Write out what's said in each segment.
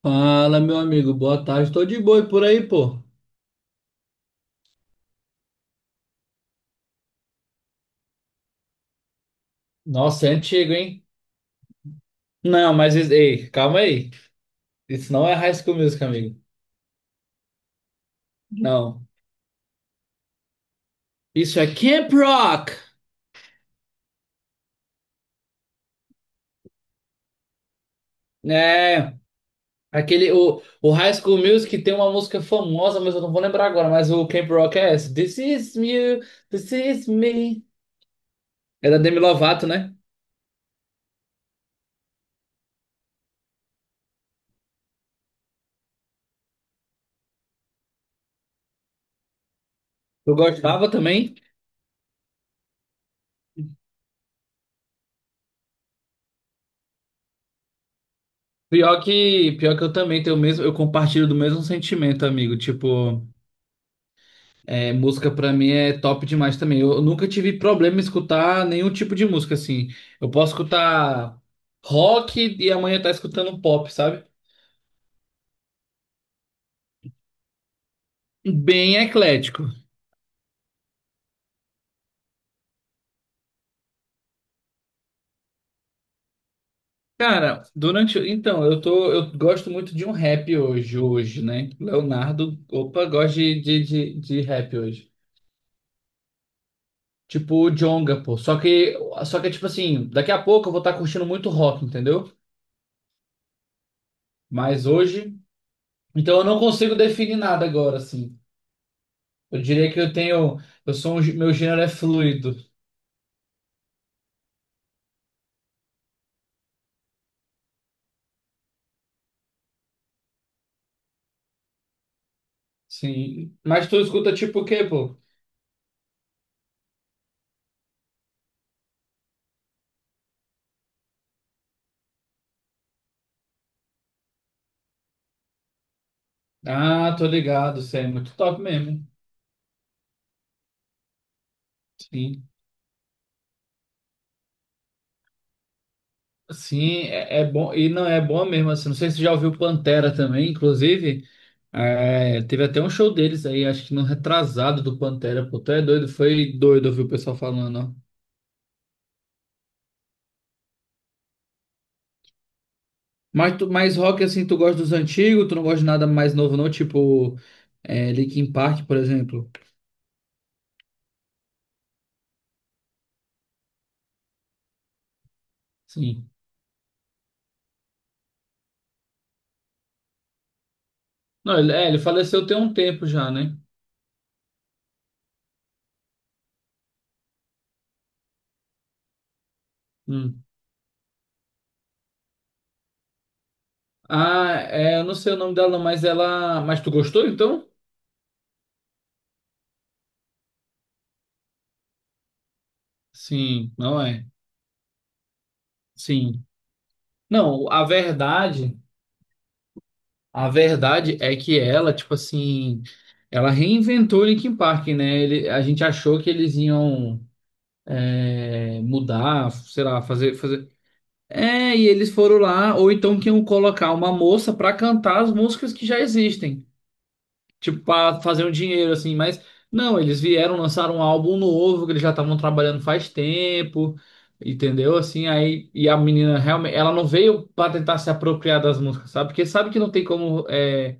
Fala, meu amigo, boa tarde. Tô de boa e por aí, pô. Nossa, é antigo, hein? Não, mas ei, calma aí. Isso não é High School Music, amigo. Não. Isso é Camp Rock. É, aquele o High School Music tem uma música famosa, mas eu não vou lembrar agora, mas o Camp Rock é essa. This is me, this is me. É da Demi Lovato, né? Eu gostava também. Pior que eu também tenho o mesmo, eu compartilho do mesmo sentimento, amigo. Tipo, é, música pra mim é top demais também. Eu nunca tive problema em escutar nenhum tipo de música assim. Eu posso escutar rock e amanhã tá escutando pop, sabe? Bem eclético. Cara, durante. Então, eu tô. Eu gosto muito de um rap hoje, hoje, né? Leonardo, opa, gosto de rap hoje. Tipo o Djonga, pô. Só que, tipo assim, daqui a pouco eu vou estar curtindo muito rock, entendeu? Mas hoje. Então eu não consigo definir nada agora, assim. Eu diria que eu tenho. Eu sou um. Meu gênero é fluido. Sim. Mas tu escuta tipo o quê, pô? Ah, tô ligado, você é muito top mesmo. Sim. Sim, é, é bom. E não, é bom mesmo, assim. Não sei se você já ouviu Pantera também, inclusive. É, teve até um show deles aí, acho que no retrasado do Pantera, pô. Tu é doido, foi doido ouvir o pessoal falando, ó. Mas, tu, mas rock, assim, tu gosta dos antigos, tu não gosta de nada mais novo, não? Tipo, é, Linkin Park, por exemplo. Sim. Não, ele, é, ele faleceu tem um tempo já, né? Hum. Ah, é, eu não sei o nome dela, mas ela. Mas tu gostou então? Sim, não é? Sim. Não, a verdade é que ela, tipo assim, ela reinventou o Linkin Park, né? Ele, a gente achou que eles iam é, mudar, sei lá, fazer. É, e eles foram lá, ou então que iam colocar uma moça pra cantar as músicas que já existem. Tipo, pra fazer um dinheiro, assim, mas não, eles vieram lançar um álbum novo que eles já estavam trabalhando faz tempo, entendeu? Assim, aí, e a menina realmente, ela não veio pra tentar se apropriar das músicas, sabe? Porque sabe que não tem como, é,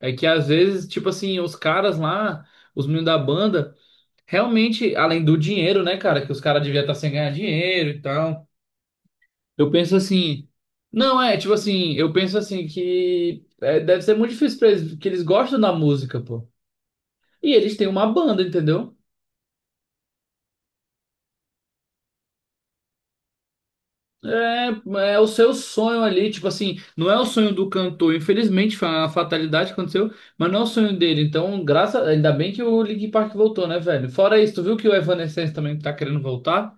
é que às vezes, tipo assim, os caras lá, os meninos da banda, realmente, além do dinheiro, né, cara, que os caras deviam estar sem ganhar dinheiro e tal, eu penso assim. Não, é, tipo assim, eu penso assim que é, deve ser muito difícil pra eles, que eles gostam da música, pô. E eles têm uma banda, entendeu? É, é o seu sonho ali, tipo assim, não é o sonho do cantor, infelizmente foi uma fatalidade que aconteceu, mas não é o sonho dele. Então, graças, ainda bem que o Linkin Park voltou, né, velho? Fora isso, tu viu que o Evanescence também tá querendo voltar?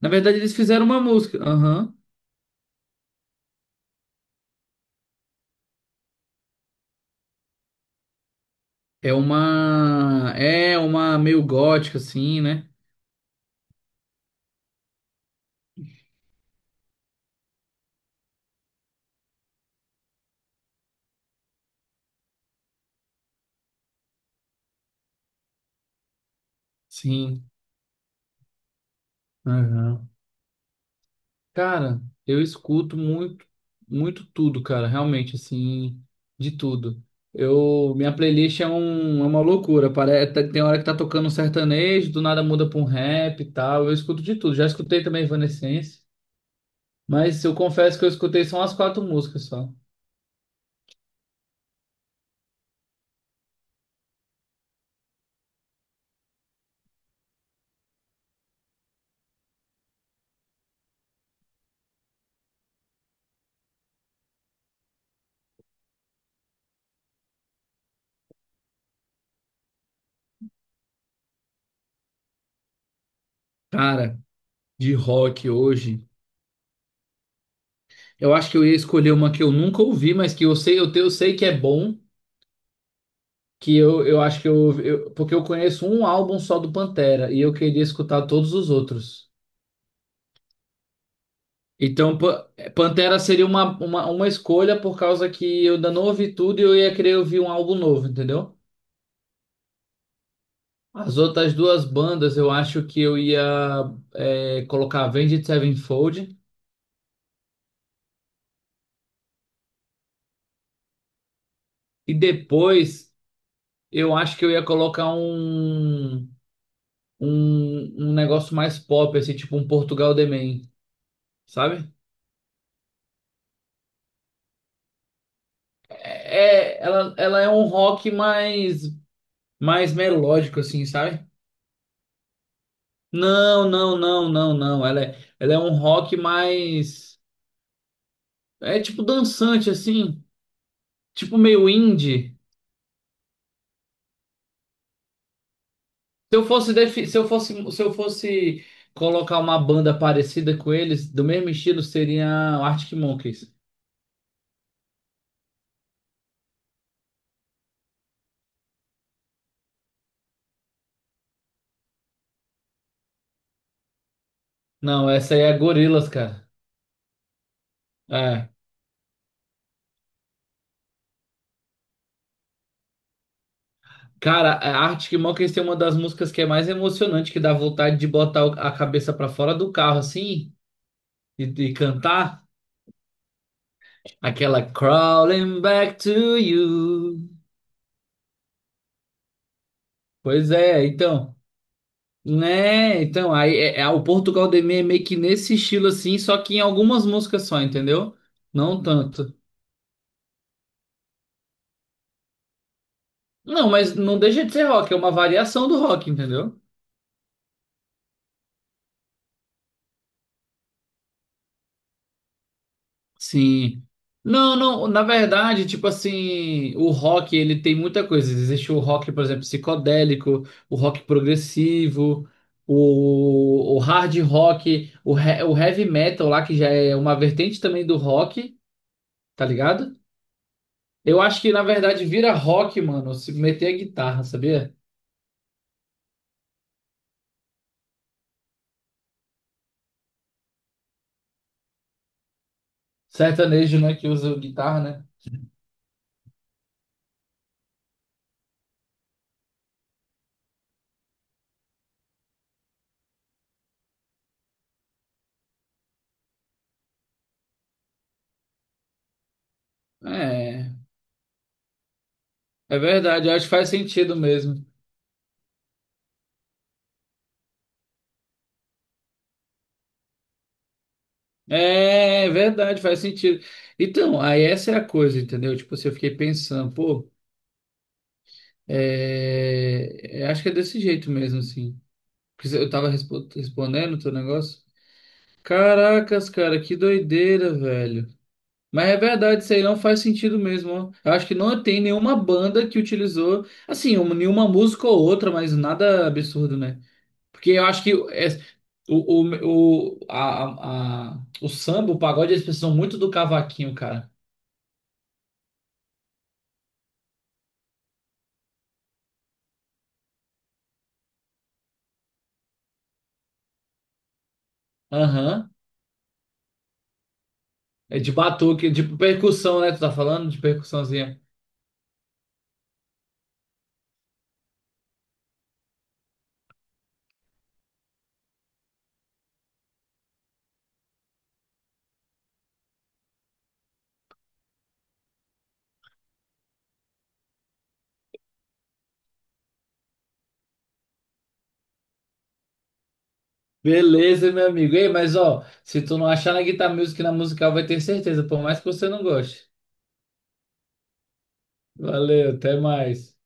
Na verdade, eles fizeram uma música. Aham. É uma meio gótica assim, né? Sim. Aham. Cara, eu escuto muito, muito tudo, cara, realmente, assim, de tudo. Eu, minha playlist é, um, é uma loucura, parece, tem hora que tá tocando um sertanejo, do nada muda pra um rap e tal, eu escuto de tudo. Já escutei também Evanescence, mas eu confesso que eu escutei só umas quatro músicas só. Cara, de rock hoje, eu acho que eu ia escolher uma que eu nunca ouvi, mas que eu sei, eu sei que é bom, que eu acho que eu, porque eu conheço um álbum só do Pantera, e eu queria escutar todos os outros. Então, Pantera seria uma escolha por causa que eu ainda não ouvi tudo e eu ia querer ouvir um álbum novo, entendeu? As outras duas bandas eu acho que eu ia é, colocar Avenged Sevenfold e depois eu acho que eu ia colocar um negócio mais pop, assim, tipo um Portugal The Man, sabe? É, ela é um rock mais, mais melódico, assim, sabe? Não, não, não, não, não. Ela é um rock mais. É tipo dançante, assim, tipo meio indie. Se eu fosse, defi- se eu fosse, se eu fosse colocar uma banda parecida com eles, do mesmo estilo, seria Arctic Monkeys. Não, essa aí é Gorillaz, cara. É. Cara, a Arctic Monkeys tem uma das músicas que é mais emocionante, que dá vontade de botar a cabeça pra fora do carro, assim, e cantar. Aquela Crawling Back to You. Pois é, então. Né? Então, aí é, o Portugal de Mim é meio que nesse estilo assim, só que em algumas músicas só, entendeu? Não tanto. Não, mas não deixa de ser rock, é uma variação do rock, entendeu? Sim. Não, não, na verdade, tipo assim, o rock, ele tem muita coisa. Existe o rock, por exemplo, psicodélico, o rock progressivo, o hard rock, o, o heavy metal lá, que já é uma vertente também do rock, tá ligado? Eu acho que, na verdade, vira rock, mano, se meter a guitarra, sabia? Sertanejo, né, que usa guitarra, né? É, é verdade, eu acho que faz sentido mesmo. É, é verdade, faz sentido. Então, aí essa é a coisa, entendeu? Tipo, assim, eu fiquei pensando, pô, é, é, acho que é desse jeito mesmo, assim. Porque eu tava respondendo o teu negócio. Caracas, cara, que doideira, velho. Mas é verdade, isso aí não faz sentido mesmo, ó. Eu acho que não tem nenhuma banda que utilizou, assim, nenhuma música ou outra, mas nada absurdo, né? Porque eu acho que é- o, a- o samba, o pagode, eles precisam muito do cavaquinho, cara. Aham. É de batuque, de percussão, né? Tu tá falando de percussãozinha. Beleza, meu amigo. Ei, mas ó, se tu não achar na Guitar Music, na musical, vai ter certeza, por mais que você não goste. Valeu, até mais.